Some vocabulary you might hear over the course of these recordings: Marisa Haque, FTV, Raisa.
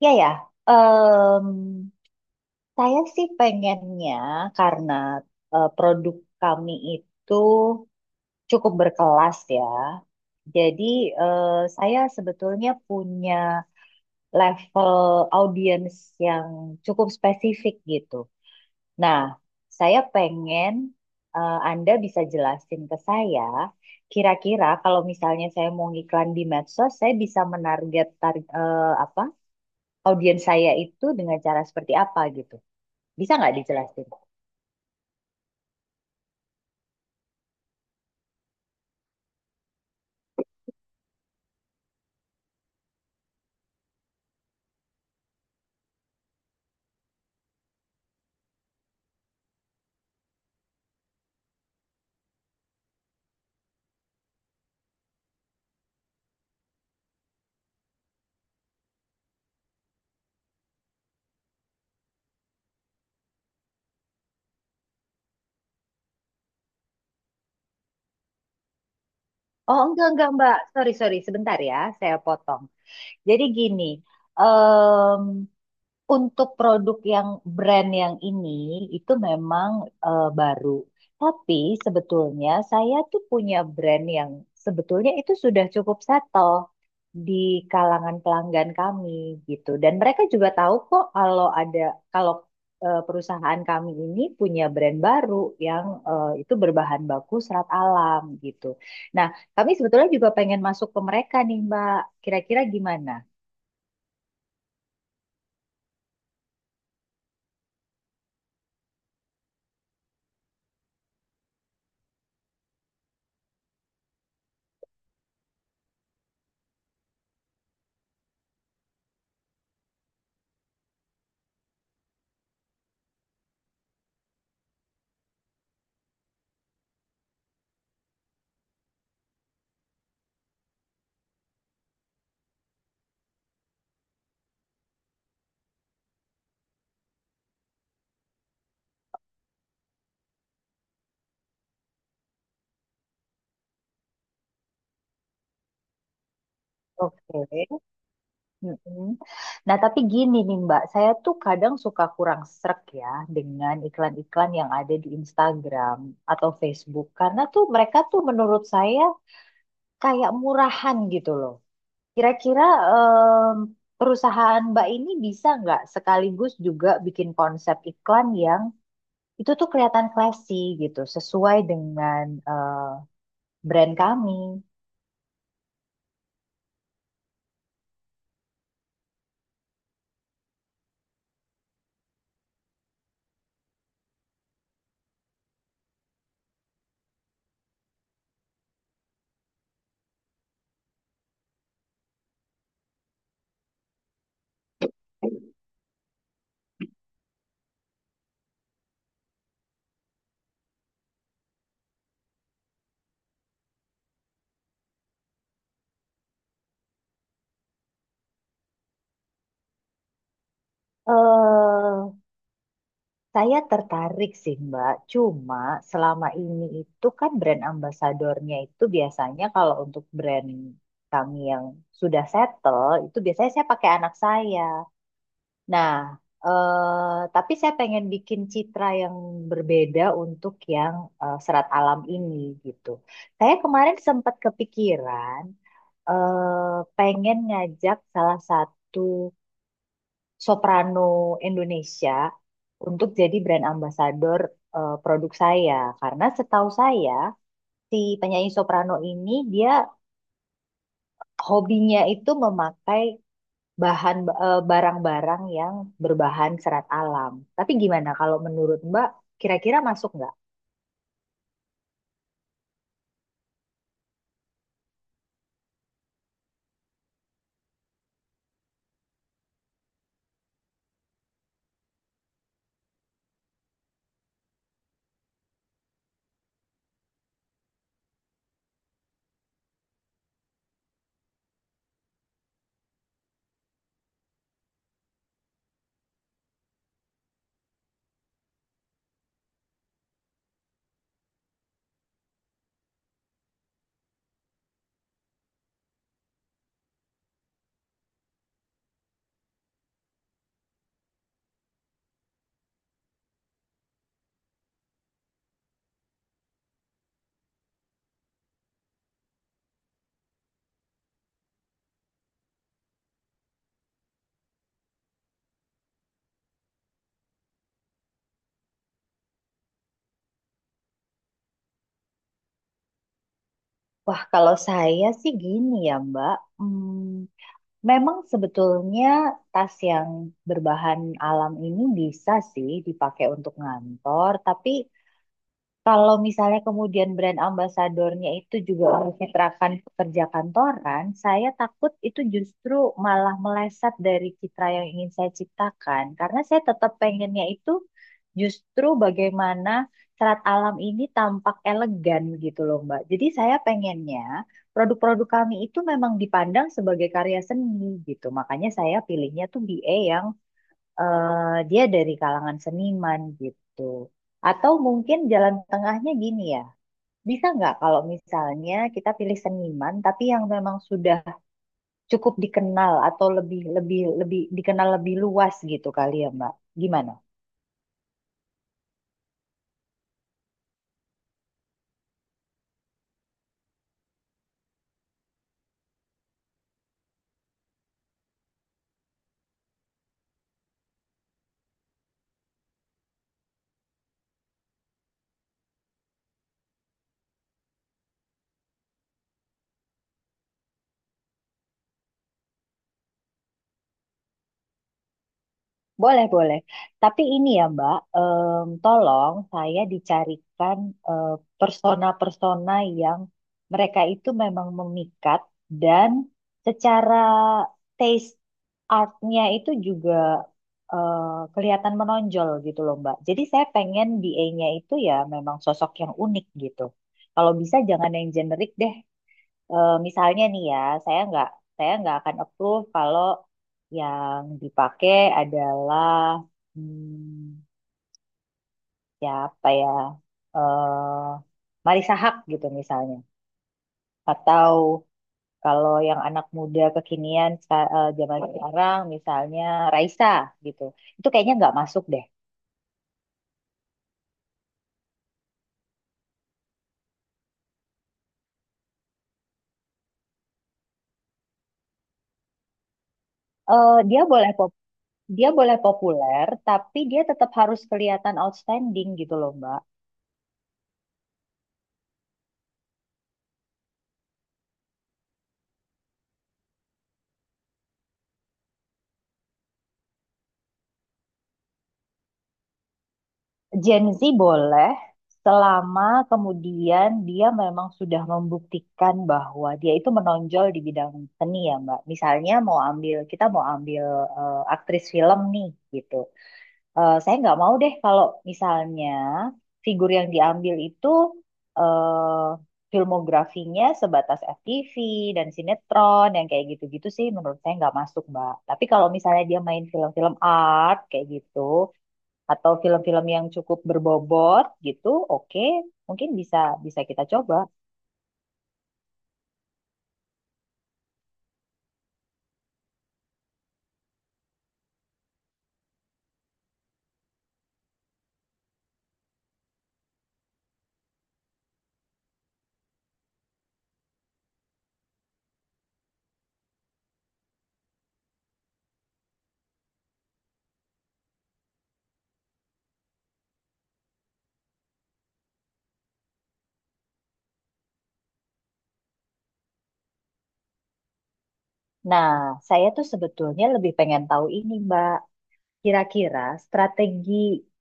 Ya, ya, Em, saya sih pengennya karena produk kami itu cukup berkelas ya. Jadi eh, saya sebetulnya punya level audiens yang cukup spesifik gitu. Nah, saya pengen Anda bisa jelasin ke saya, kira-kira kalau misalnya saya mau ngiklan di medsos, saya bisa apa? Audiens saya itu dengan cara seperti apa gitu. Bisa nggak dijelasin? Oh, enggak, Mbak. Sorry, Sebentar ya, saya potong. Jadi gini, em, untuk produk yang brand yang ini itu memang baru. Tapi sebetulnya saya tuh punya brand yang sebetulnya itu sudah cukup settle di kalangan pelanggan kami gitu. Dan mereka juga tahu kok kalau ada kalau perusahaan kami ini punya brand baru yang itu berbahan baku serat alam gitu. Nah, kami sebetulnya juga pengen masuk ke mereka nih, Mbak. Kira-kira gimana? Oke. Mm-mm. Nah, tapi gini nih Mbak, saya tuh kadang suka kurang srek ya dengan iklan-iklan yang ada di Instagram atau Facebook. Karena tuh mereka tuh menurut saya kayak murahan gitu loh. Kira-kira em, perusahaan Mbak ini bisa nggak sekaligus juga bikin konsep iklan yang itu tuh kelihatan classy gitu, sesuai dengan brand kami. Eh Saya tertarik sih Mbak, cuma selama ini itu kan brand ambasadornya itu biasanya kalau untuk brand kami yang sudah settle, itu biasanya saya pakai anak saya. Nah, tapi saya pengen bikin citra yang berbeda untuk yang serat alam ini gitu. Saya kemarin sempat kepikiran pengen ngajak salah satu soprano Indonesia untuk jadi brand ambassador produk saya. Karena setahu saya, si penyanyi soprano ini dia hobinya itu memakai bahan barang-barang yang berbahan serat alam. Tapi gimana kalau menurut Mbak, kira-kira masuk nggak? Wah, kalau saya sih gini ya, Mbak. Hmm, Memang sebetulnya tas yang berbahan alam ini bisa sih dipakai untuk ngantor, tapi kalau misalnya kemudian brand ambasadornya itu juga mencitrakan pekerja kantoran, saya takut itu justru malah meleset dari citra yang ingin saya ciptakan. Karena saya tetap pengennya itu justru bagaimana serat alam ini tampak elegan gitu loh Mbak. Jadi saya pengennya produk-produk kami itu memang dipandang sebagai karya seni gitu. Makanya saya pilihnya tuh BA yang dia dari kalangan seniman gitu. Atau mungkin jalan tengahnya gini ya. Bisa nggak kalau misalnya kita pilih seniman tapi yang memang sudah cukup dikenal atau lebih lebih lebih dikenal lebih luas gitu kali ya Mbak? Gimana? Boleh, boleh. Tapi ini ya, Mbak, tolong saya dicarikan eh, persona-persona yang mereka itu memang memikat dan secara taste artnya itu juga eh, kelihatan menonjol gitu loh, Mbak. Jadi saya pengen BA-nya itu ya memang sosok yang unik gitu. Kalau bisa jangan yang generik deh. Eh, misalnya nih ya, saya nggak saya nggak akan approve kalau yang dipakai adalah hmm, siapa ya, eh Marisa Haque gitu misalnya, atau kalau yang anak muda zaman sekarang misalnya Raisa gitu, itu kayaknya nggak masuk deh. Eh, dia boleh pop, dia boleh populer, tapi dia tetap harus kelihatan outstanding gitu loh, Mbak. Gen Z boleh selama kemudian dia memang sudah membuktikan bahwa dia itu menonjol di bidang seni ya Mbak. Misalnya mau ambil kita mau ambil aktris film nih gitu. Eh, saya nggak mau deh kalau misalnya figur yang diambil itu eh filmografinya sebatas FTV dan sinetron yang kayak gitu-gitu sih menurut saya nggak masuk Mbak. Tapi kalau misalnya dia main film-film art kayak gitu atau film-film yang cukup berbobot gitu, oke, mungkin bisa bisa kita coba. Nah, saya tuh sebetulnya lebih pengen tahu ini, Mbak. Kira-kira strategi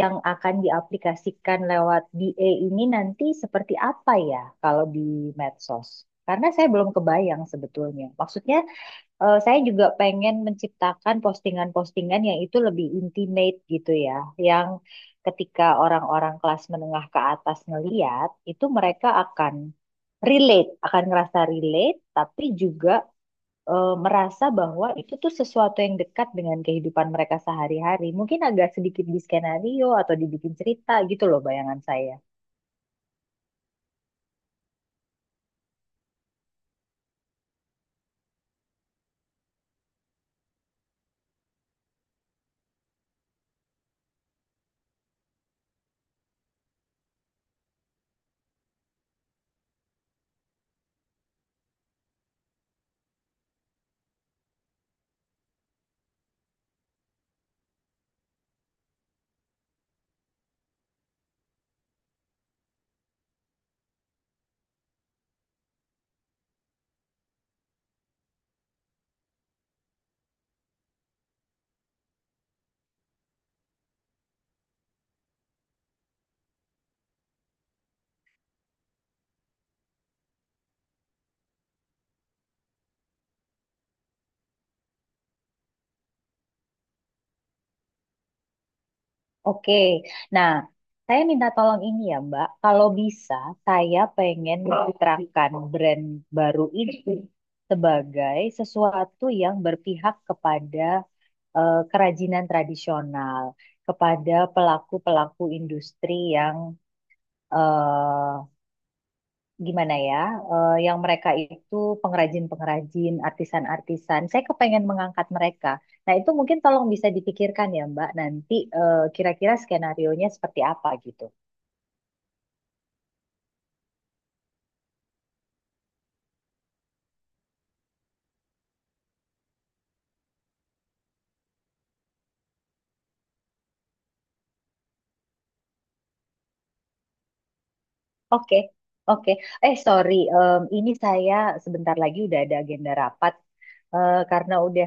yang akan diaplikasikan lewat DA ini nanti seperti apa ya kalau di medsos? Karena saya belum kebayang sebetulnya. Maksudnya saya juga pengen menciptakan postingan-postingan yang itu lebih intimate gitu ya, yang ketika orang-orang kelas menengah ke atas ngeliat, itu mereka akan ngerasa relate, tapi juga merasa bahwa itu tuh sesuatu yang dekat dengan kehidupan mereka sehari-hari. Mungkin agak sedikit di skenario atau dibikin cerita gitu loh bayangan saya. Oke, nah saya minta tolong ini ya Mbak, kalau bisa saya pengen mencitrakan brand baru ini sebagai sesuatu yang berpihak kepada kerajinan tradisional, kepada pelaku-pelaku industri yang eh, gimana ya, yang mereka itu pengrajin-pengrajin, artisan-artisan. Saya kepengen mengangkat mereka. Nah, itu mungkin tolong bisa dipikirkan ya, Mbak, nanti kira-kira skenario-nya seperti apa gitu. Oke, oke. Eh, sorry, ini saya sebentar lagi udah ada agenda rapat. eh, karena udah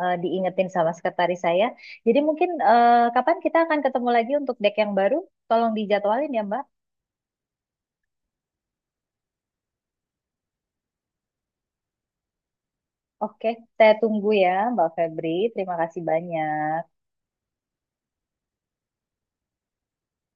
eh, diingetin sama sekretaris saya. Jadi mungkin kapan kita akan ketemu lagi untuk deck yang baru? Tolong dijadwalin ya, Mbak. Oke, saya tunggu ya, Mbak Febri. Terima kasih banyak.